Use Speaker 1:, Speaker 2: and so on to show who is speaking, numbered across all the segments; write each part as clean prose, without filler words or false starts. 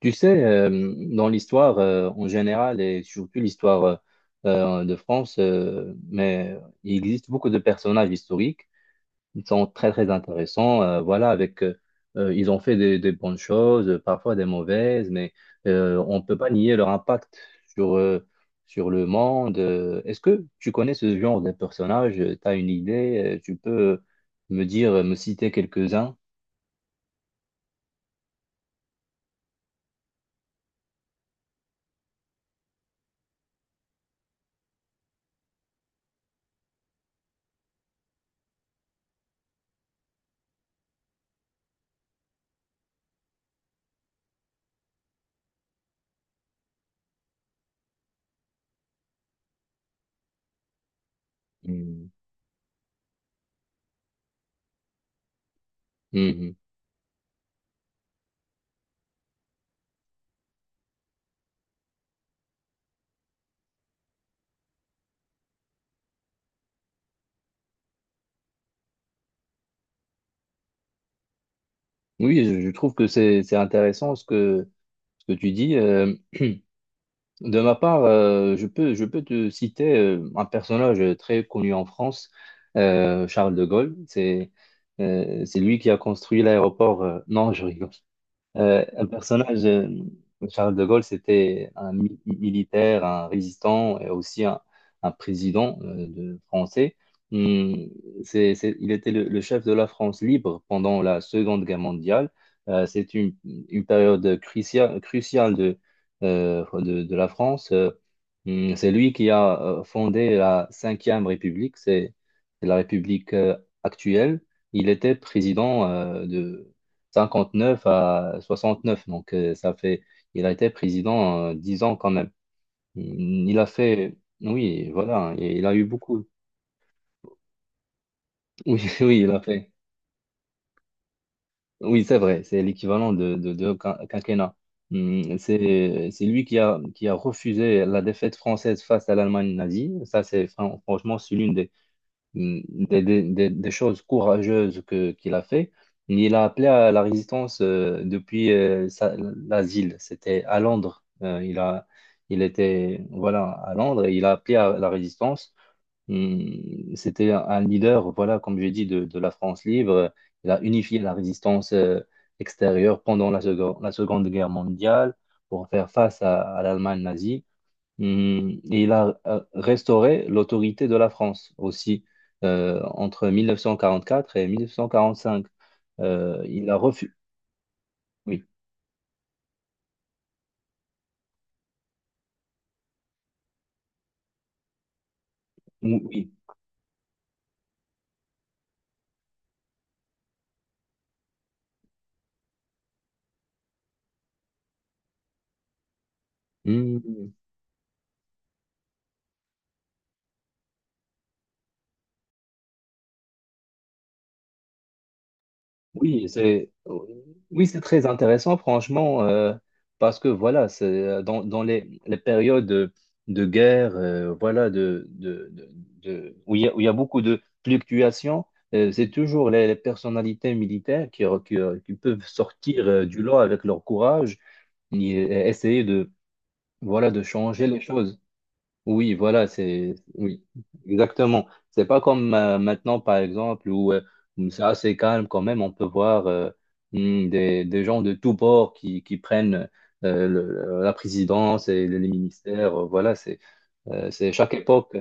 Speaker 1: Tu sais, dans l'histoire en général et surtout l'histoire de France, mais il existe beaucoup de personnages historiques. Ils sont très très intéressants. Voilà, avec ils ont fait des bonnes choses, parfois des mauvaises, mais on ne peut pas nier leur impact sur euh, sur le monde. Est-ce que tu connais ce genre de personnages? Tu as une idée? Tu peux me dire, me citer quelques-uns? Mhm. Oui, je trouve que c'est intéressant ce que tu dis. De ma part, je peux te citer un personnage très connu en France, Charles de Gaulle. C'est lui qui a construit l'aéroport. Non, je rigole. Un personnage, Charles de Gaulle, c'était un militaire, un résistant et aussi un président français. Hum, il était le chef de la France libre pendant la Seconde Guerre mondiale. C'est une période cruciale, cruciale de la France. C'est lui qui a fondé la Cinquième République, c'est la République actuelle. Il était président de 59 à 69. Donc, ça fait, il a été président 10 ans quand même. Mmh, il a fait, oui, voilà, et il a eu beaucoup. Oui, oui, il a fait. Oui, c'est vrai, c'est l'équivalent de quinquennat. C'est lui qui a refusé la défaite française face à l'Allemagne nazie. Ça, c'est franchement, c'est l'une des, des choses courageuses qu'il a fait. Il a appelé à la résistance depuis l'asile. C'était à Londres. Il était voilà, à Londres et il a appelé à la résistance. C'était un leader, voilà, comme j'ai dit, de la France libre. Il a unifié la résistance extérieure pendant la Seconde Guerre mondiale pour faire face à l'Allemagne nazie. Et il a restauré l'autorité de la France aussi entre 1944 et 1945. Il a refusé. Oui, oui, Hmm, oui, c'est, oui, c'est très intéressant, franchement, parce que voilà, c'est dans les périodes de guerre, voilà, où il y a, beaucoup de fluctuations. C'est toujours les personnalités militaires qui peuvent sortir du lot avec leur courage essayer de voilà de changer les choses. Oui, voilà, c'est, oui, exactement. C'est pas comme maintenant par exemple où c'est assez calme quand même, on peut voir des gens de tous bords qui prennent la présidence et les ministères, voilà, c'est chaque époque.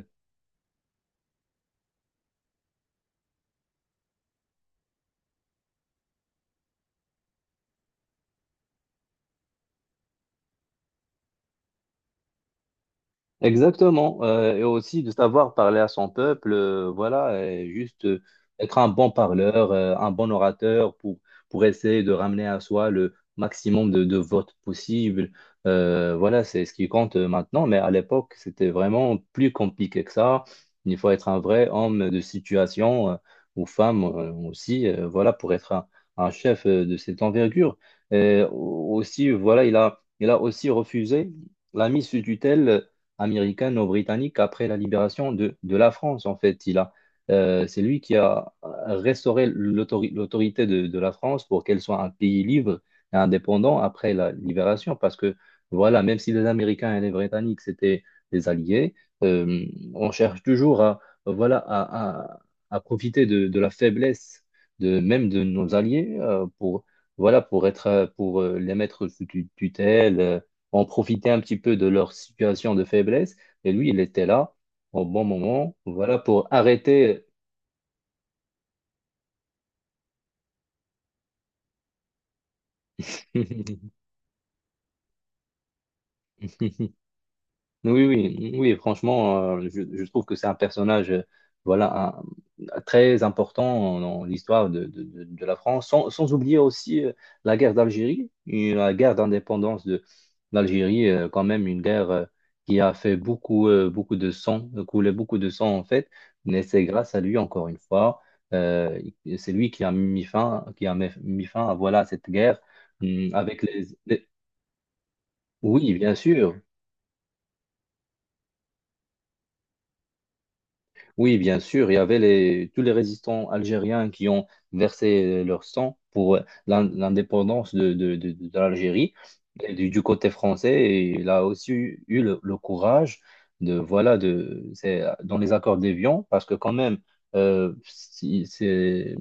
Speaker 1: Exactement, et aussi de savoir parler à son peuple, voilà, et juste être un bon parleur, un bon orateur pour essayer de ramener à soi le maximum de votes possible. Voilà, c'est ce qui compte maintenant, mais à l'époque, c'était vraiment plus compliqué que ça. Il faut être un vrai homme de situation, ou femme aussi, voilà, pour être un chef de cette envergure. Et aussi, voilà, il a aussi refusé la mise sous tutelle américano-britannique après la libération de la France, en fait. C'est lui qui a restauré l'autorité de la France pour qu'elle soit un pays libre et indépendant après la libération, parce que, voilà, même si les Américains et les Britanniques, c'était des alliés, euh, on cherche toujours voilà, à profiter de la faiblesse de, même de nos alliés pour, voilà, pour, être, pour les mettre sous tutelle on profitait un petit peu de leur situation de faiblesse. Et lui, il était là au bon moment, voilà, pour arrêter. Oui, oui, oui, franchement, je trouve que c'est un personnage, voilà, très important dans l'histoire de la France, sans oublier aussi la guerre d'Algérie, et la guerre d'indépendance de l'Algérie, quand même une guerre qui a fait beaucoup, beaucoup de sang, coulé beaucoup de sang en fait, mais c'est grâce à lui, encore une fois, euh, c'est lui qui a mis fin, qui a mis mis fin à voilà, cette guerre, avec les. Oui, bien sûr. Oui, bien sûr, il y avait tous les résistants algériens qui ont versé leur sang pour l'indépendance de l'Algérie. Et Du côté français, et il a aussi eu le courage de, voilà, de, c'est dans les accords d'Évian, parce que quand même, euh, si- c'est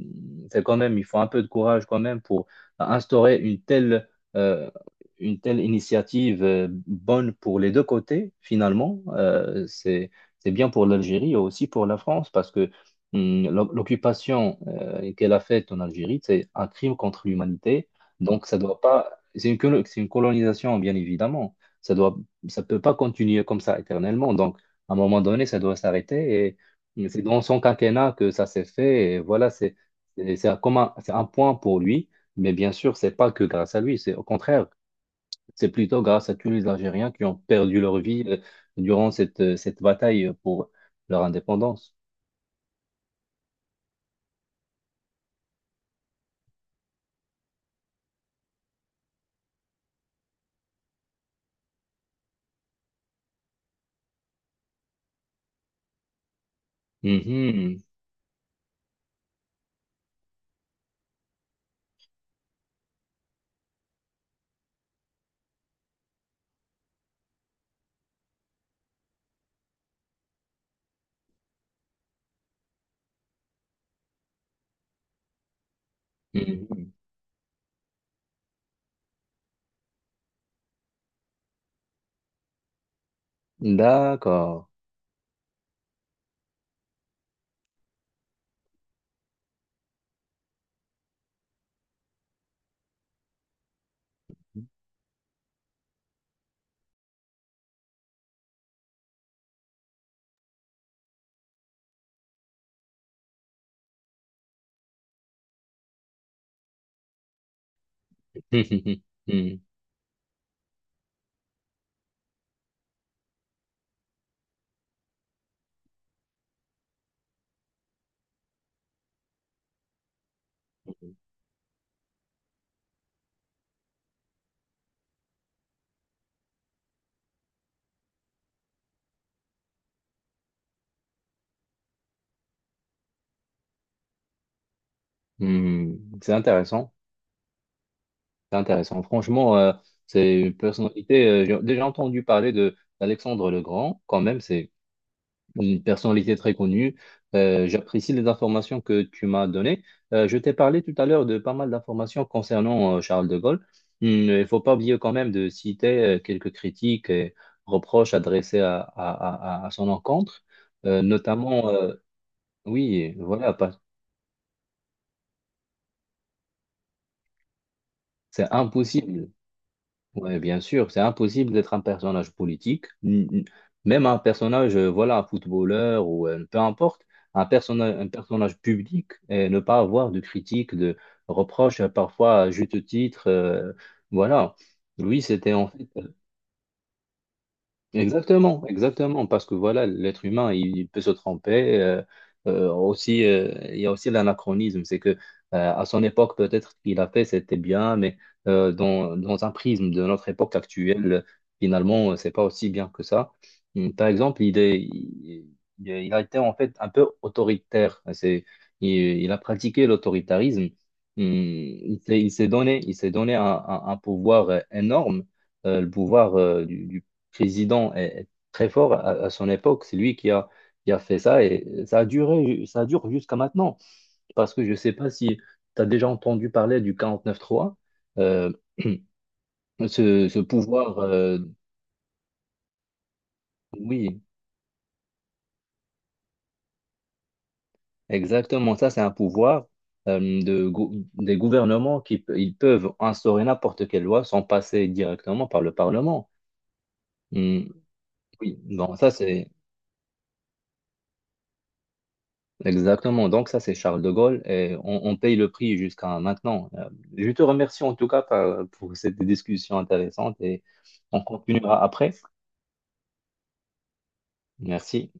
Speaker 1: c'est quand même, il faut un peu de courage quand même pour instaurer euh, une telle initiative bonne pour les deux côtés, finalement. C'est bien pour l'Algérie et aussi pour la France parce que l'occupation qu'elle a faite en Algérie, c'est un crime contre l'humanité. Donc, ça doit pas. C'est une colonisation, bien évidemment. Ça doit, ça peut pas continuer comme ça éternellement. Donc, à un moment donné, ça doit s'arrêter. Et c'est dans son quinquennat que ça s'est fait. Et voilà, c'est un point pour lui. Mais bien sûr, c'est pas que grâce à lui. C'est au contraire. C'est plutôt grâce à tous les Algériens qui ont perdu leur vie durant cette bataille pour leur indépendance. Mhm, mhm. D'accord. Mhm, mhm. C'est intéressant. C'est intéressant. Franchement, c'est une personnalité. J'ai déjà entendu parler de d'Alexandre le Grand. Quand même, c'est une personnalité très connue. J'apprécie les informations que tu m'as données. Je t'ai parlé tout à l'heure de pas mal d'informations concernant Charles de Gaulle. Il ne faut pas oublier quand même de citer quelques critiques et reproches adressés à son encontre. Euh, notamment, euh, oui, voilà, c'est impossible. Oui, bien sûr, c'est impossible d'être un personnage politique, même un personnage, voilà, un footballeur ou peu importe, un personnage public et ne pas avoir de critiques, de reproches, parfois à juste titre. Voilà, lui, c'était en fait. Exactement, exactement, parce que voilà, l'être humain, il peut se tromper. Aussi, il y a aussi l'anachronisme, c'est que à son époque, peut-être ce qu'il a fait, c'était bien, mais dans un prisme de notre époque actuelle, finalement, c'est pas aussi bien que ça. Par exemple, il est, il a été en fait un peu autoritaire. Il a pratiqué l'autoritarisme. Il s'est donné un pouvoir énorme le pouvoir du président est très fort à son époque. C'est lui qui a fait ça et ça a duré, ça dure jusqu'à maintenant. Parce que je ne sais pas si tu as déjà entendu parler du 49-3, euh, ce pouvoir, oui, exactement. Ça, c'est un pouvoir des gouvernements ils peuvent instaurer n'importe quelle loi sans passer directement par le Parlement. Hum, oui, bon, ça, c'est. Exactement. Donc ça, c'est Charles de Gaulle et on paye le prix jusqu'à maintenant. Je te remercie en tout cas pour cette discussion intéressante et on continuera après. Merci.